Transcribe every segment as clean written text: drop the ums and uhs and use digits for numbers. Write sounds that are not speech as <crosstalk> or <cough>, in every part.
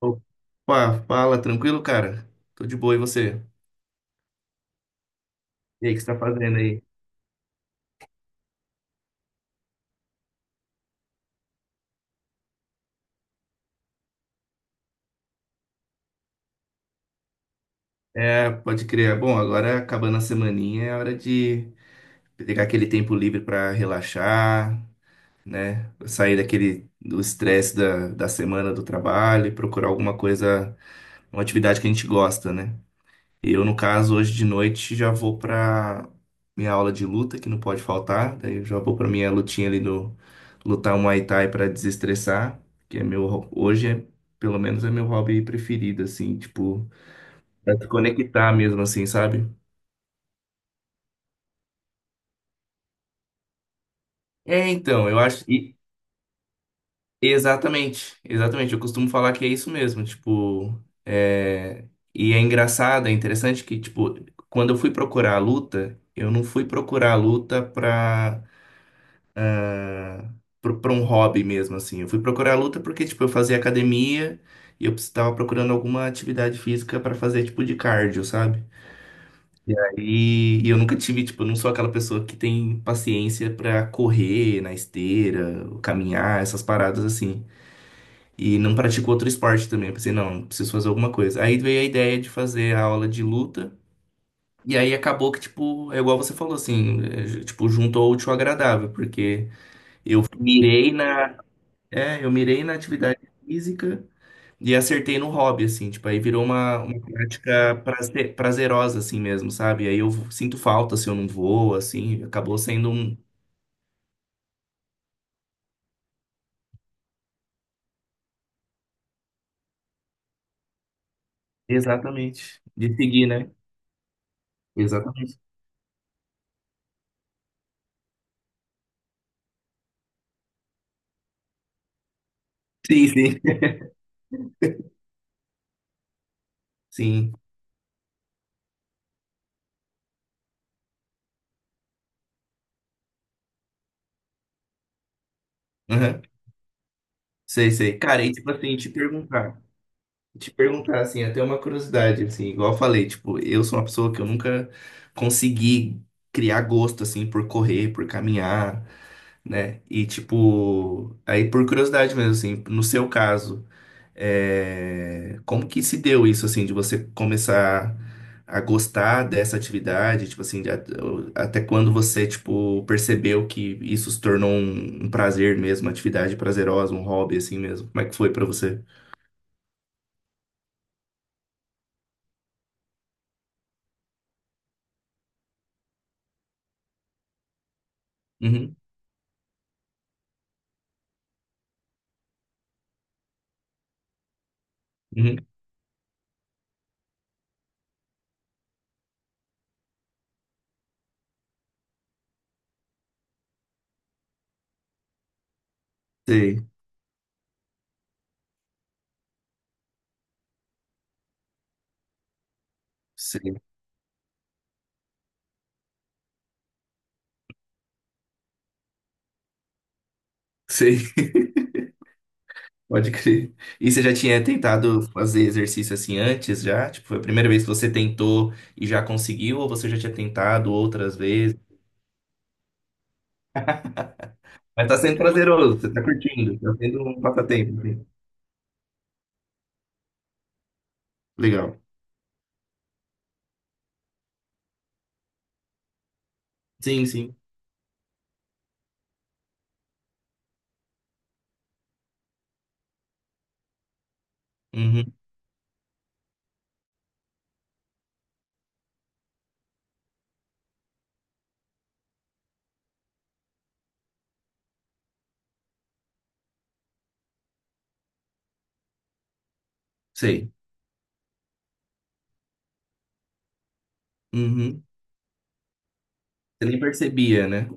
Opa, fala, tranquilo, cara? Tô de boa, e você? E aí, o que você tá fazendo aí? É, pode crer. Bom, agora acabando a semaninha, é hora de pegar aquele tempo livre pra relaxar, né? Sair daquele do estresse da semana do trabalho e procurar alguma coisa, uma atividade que a gente gosta, né? Eu, no caso, hoje de noite já vou pra minha aula de luta, que não pode faltar. Daí eu já vou pra minha lutinha ali do lutar um Muay Thai pra desestressar, que é meu hoje é, pelo menos é meu hobby preferido assim, tipo, pra te conectar mesmo assim, sabe? É, então, eu acho exatamente, exatamente. Eu costumo falar que é isso mesmo, tipo, é, e é engraçado, é interessante que tipo, quando eu fui procurar a luta, eu não fui procurar a luta pra um hobby mesmo, assim. Eu fui procurar luta porque, tipo, eu fazia academia e eu estava procurando alguma atividade física para fazer, tipo, de cardio, sabe? E eu nunca tive, tipo, eu não sou aquela pessoa que tem paciência para correr na esteira, caminhar, essas paradas assim. E não pratico outro esporte também. Eu pensei, não, preciso fazer alguma coisa. Aí veio a ideia de fazer a aula de luta. E aí acabou que, tipo, é igual você falou, assim, é, tipo, juntou o útil ao agradável, porque eu mirei na, é, eu mirei na atividade física e acertei no hobby, assim, tipo, aí virou uma prática prazerosa, assim mesmo, sabe? Aí eu sinto falta se eu não vou, assim, acabou sendo um. Exatamente. De seguir, né? Exatamente. Sim, sim. <laughs> Sim. Aham. Sei, sei. Cara, e tipo assim, te perguntar. Te perguntar, assim, até uma curiosidade, assim, igual eu falei, tipo, eu sou uma pessoa que eu nunca consegui criar gosto, assim, por correr, por caminhar, né? E tipo, aí por curiosidade mesmo, assim, no seu caso, é, como que se deu isso, assim, de você começar a gostar dessa atividade, tipo assim, até quando você, tipo, percebeu que isso se tornou um prazer mesmo, uma atividade prazerosa, um hobby, assim mesmo? Como é que foi pra você? Uhum, uhum. Sei, sei, sei. Pode crer. E você já tinha tentado fazer exercício assim antes, já? Tipo, foi a primeira vez que você tentou e já conseguiu, ou você já tinha tentado outras vezes? Mas tá sendo prazeroso, você tá curtindo, tá sendo um passatempo assim. Legal. Sim, sim. Uhum. Sei. Uhum. Você nem percebia, né?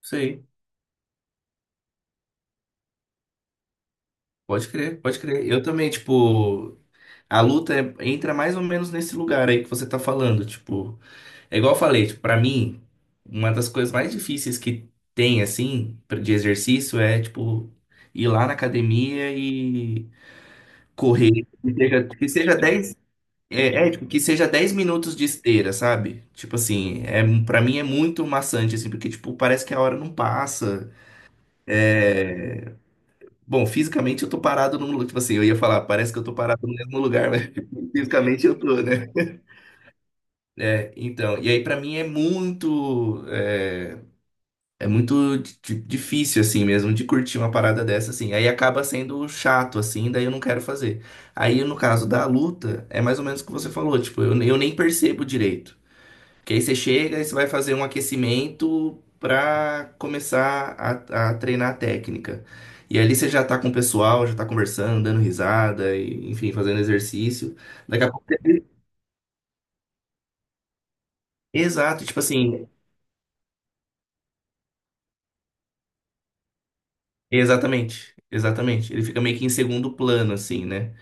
Sei. Pode crer, pode crer. Eu também, tipo, a luta é- entra mais ou menos nesse lugar aí que você tá falando, tipo. É igual eu falei, tipo, pra mim, uma das coisas mais difíceis que tem, assim, de exercício é, tipo, ir lá na academia e correr. Que seja 10 é, é, tipo, que seja 10 minutos de esteira, sabe? Tipo assim, é, pra mim é muito maçante, assim, porque, tipo, parece que a hora não passa. É... Bom, fisicamente eu tô parado num lugar, tipo assim, eu ia falar, parece que eu tô parado no mesmo lugar, mas <laughs> fisicamente eu tô, né? É, então, e aí pra mim é muito, é, é muito difícil, assim, mesmo, de curtir uma parada dessa, assim. Aí acaba sendo chato, assim, daí eu não quero fazer. Aí, no caso da luta, é mais ou menos o que você falou, tipo, eu nem percebo direito. Porque aí você chega e você vai fazer um aquecimento pra começar a treinar a técnica. E ali você já tá com o pessoal, já tá conversando, dando risada, e, enfim, fazendo exercício. Daqui a pouco... Exato, tipo assim, exatamente, exatamente. Ele fica meio que em segundo plano, assim, né?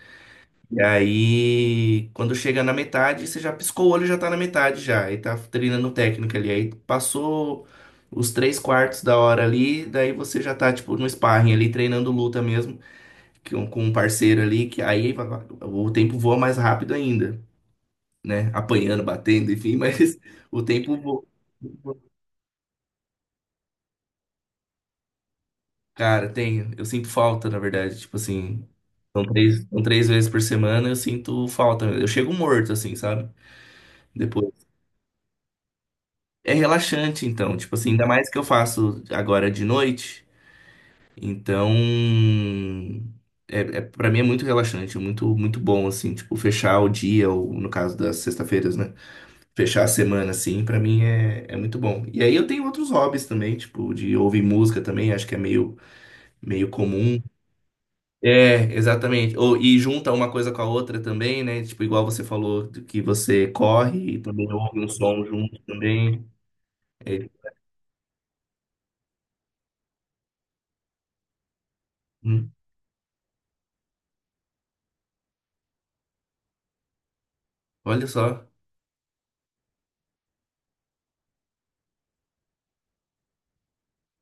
E aí, quando chega na metade, você já piscou o olho, e já tá na metade já. E tá treinando técnica ali. Aí passou os três quartos da hora ali, daí você já tá, tipo, no sparring ali, treinando luta mesmo, que- um, com um parceiro ali, que aí vai- o tempo voa mais rápido ainda, né? Apanhando, batendo, enfim, <laughs> mas o tempo voa. Cara, tenho. Eu sinto falta, na verdade. Tipo assim, são 3 vezes por semana, eu sinto falta. Eu chego morto, assim, sabe? Depois. É relaxante, então. Tipo assim, ainda mais que eu faço agora de noite. Então, é, para mim é muito relaxante, é muito, muito bom, assim, tipo, fechar o dia, ou no caso das sextas-feiras, né? Fechar a semana, assim, pra mim é muito bom. E aí eu tenho outros hobbies também, tipo, de ouvir música também, acho que é meio, meio comum. É, exatamente. Ou, e junta uma coisa com a outra também, né? Tipo, igual você falou do que você corre e também ouve um som junto também. É, hum, olha só.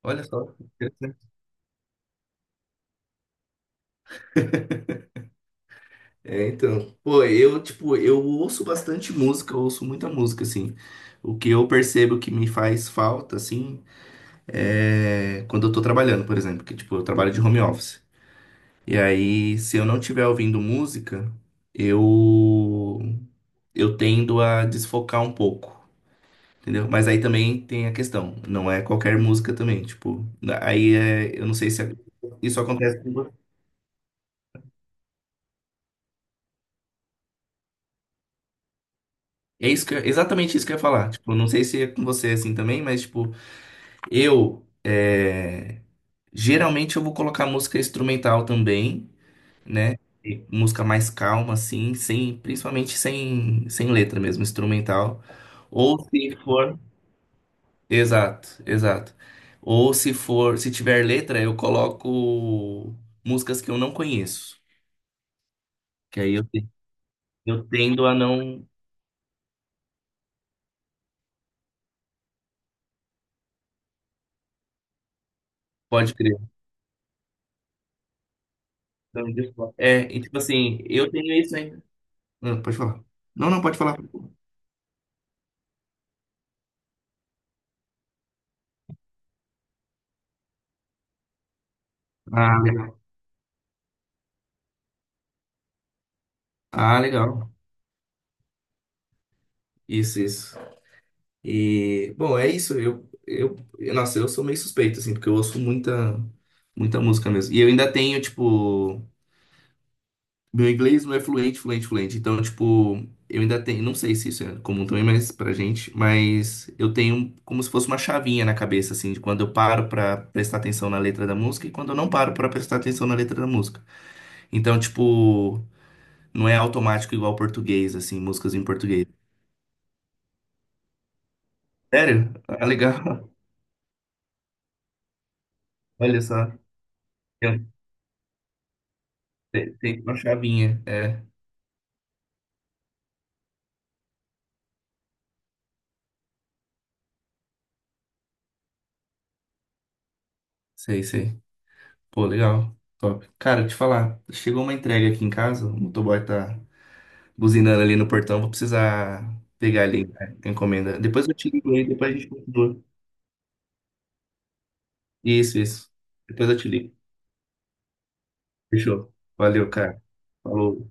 Olha só, interessante. É, então, pô, eu, tipo, eu ouço bastante música, eu ouço muita música, assim. O que eu percebo que me faz falta, assim, é quando eu tô trabalhando, por exemplo, que, tipo, eu trabalho de home office. E aí, se eu não estiver ouvindo música, eu, eu tendo a desfocar um pouco. Entendeu? Mas aí também tem a questão, não é qualquer música também, tipo, aí é, eu não sei se é, isso acontece com é isso que exatamente isso que eu ia falar. Tipo, não sei se é com você assim também, mas tipo, eu é, geralmente eu vou colocar música instrumental também, né? E música mais calma assim, sem principalmente sem letra mesmo, instrumental. Ou se for, exato, exato. Ou se for, se tiver letra, eu coloco músicas que eu não conheço, que aí eu tendo a não pode crer. Então, desculpa. É, e tipo assim, eu tenho isso, né? Ah, pode falar. Não, não, pode falar. Ah, legal. Ah, legal. Isso, isso. E, bom, é isso. Nossa, eu sou meio suspeito, assim, porque eu ouço muita, muita música mesmo. E eu ainda tenho, tipo, meu inglês não é fluente, fluente, fluente. Então, tipo, eu ainda tenho, não sei se isso é comum também, mas pra gente, mas eu tenho como se fosse uma chavinha na cabeça, assim, de quando eu paro pra prestar atenção na letra da música e quando eu não paro pra prestar atenção na letra da música. Então, tipo, não é automático igual português, assim, músicas em português. Sério? Ah, legal. <laughs> Olha só. Tem, um, tem uma chavinha. É, sei, sei. Pô, legal. Top. Cara, te falar, chegou uma entrega aqui em casa, o motoboy tá buzinando ali no portão, vou precisar pegar ali né, a encomenda. Depois eu te ligo aí, depois a gente continua. Isso, isso. Depois eu te ligo. Fechou. Valeu, cara. Falou.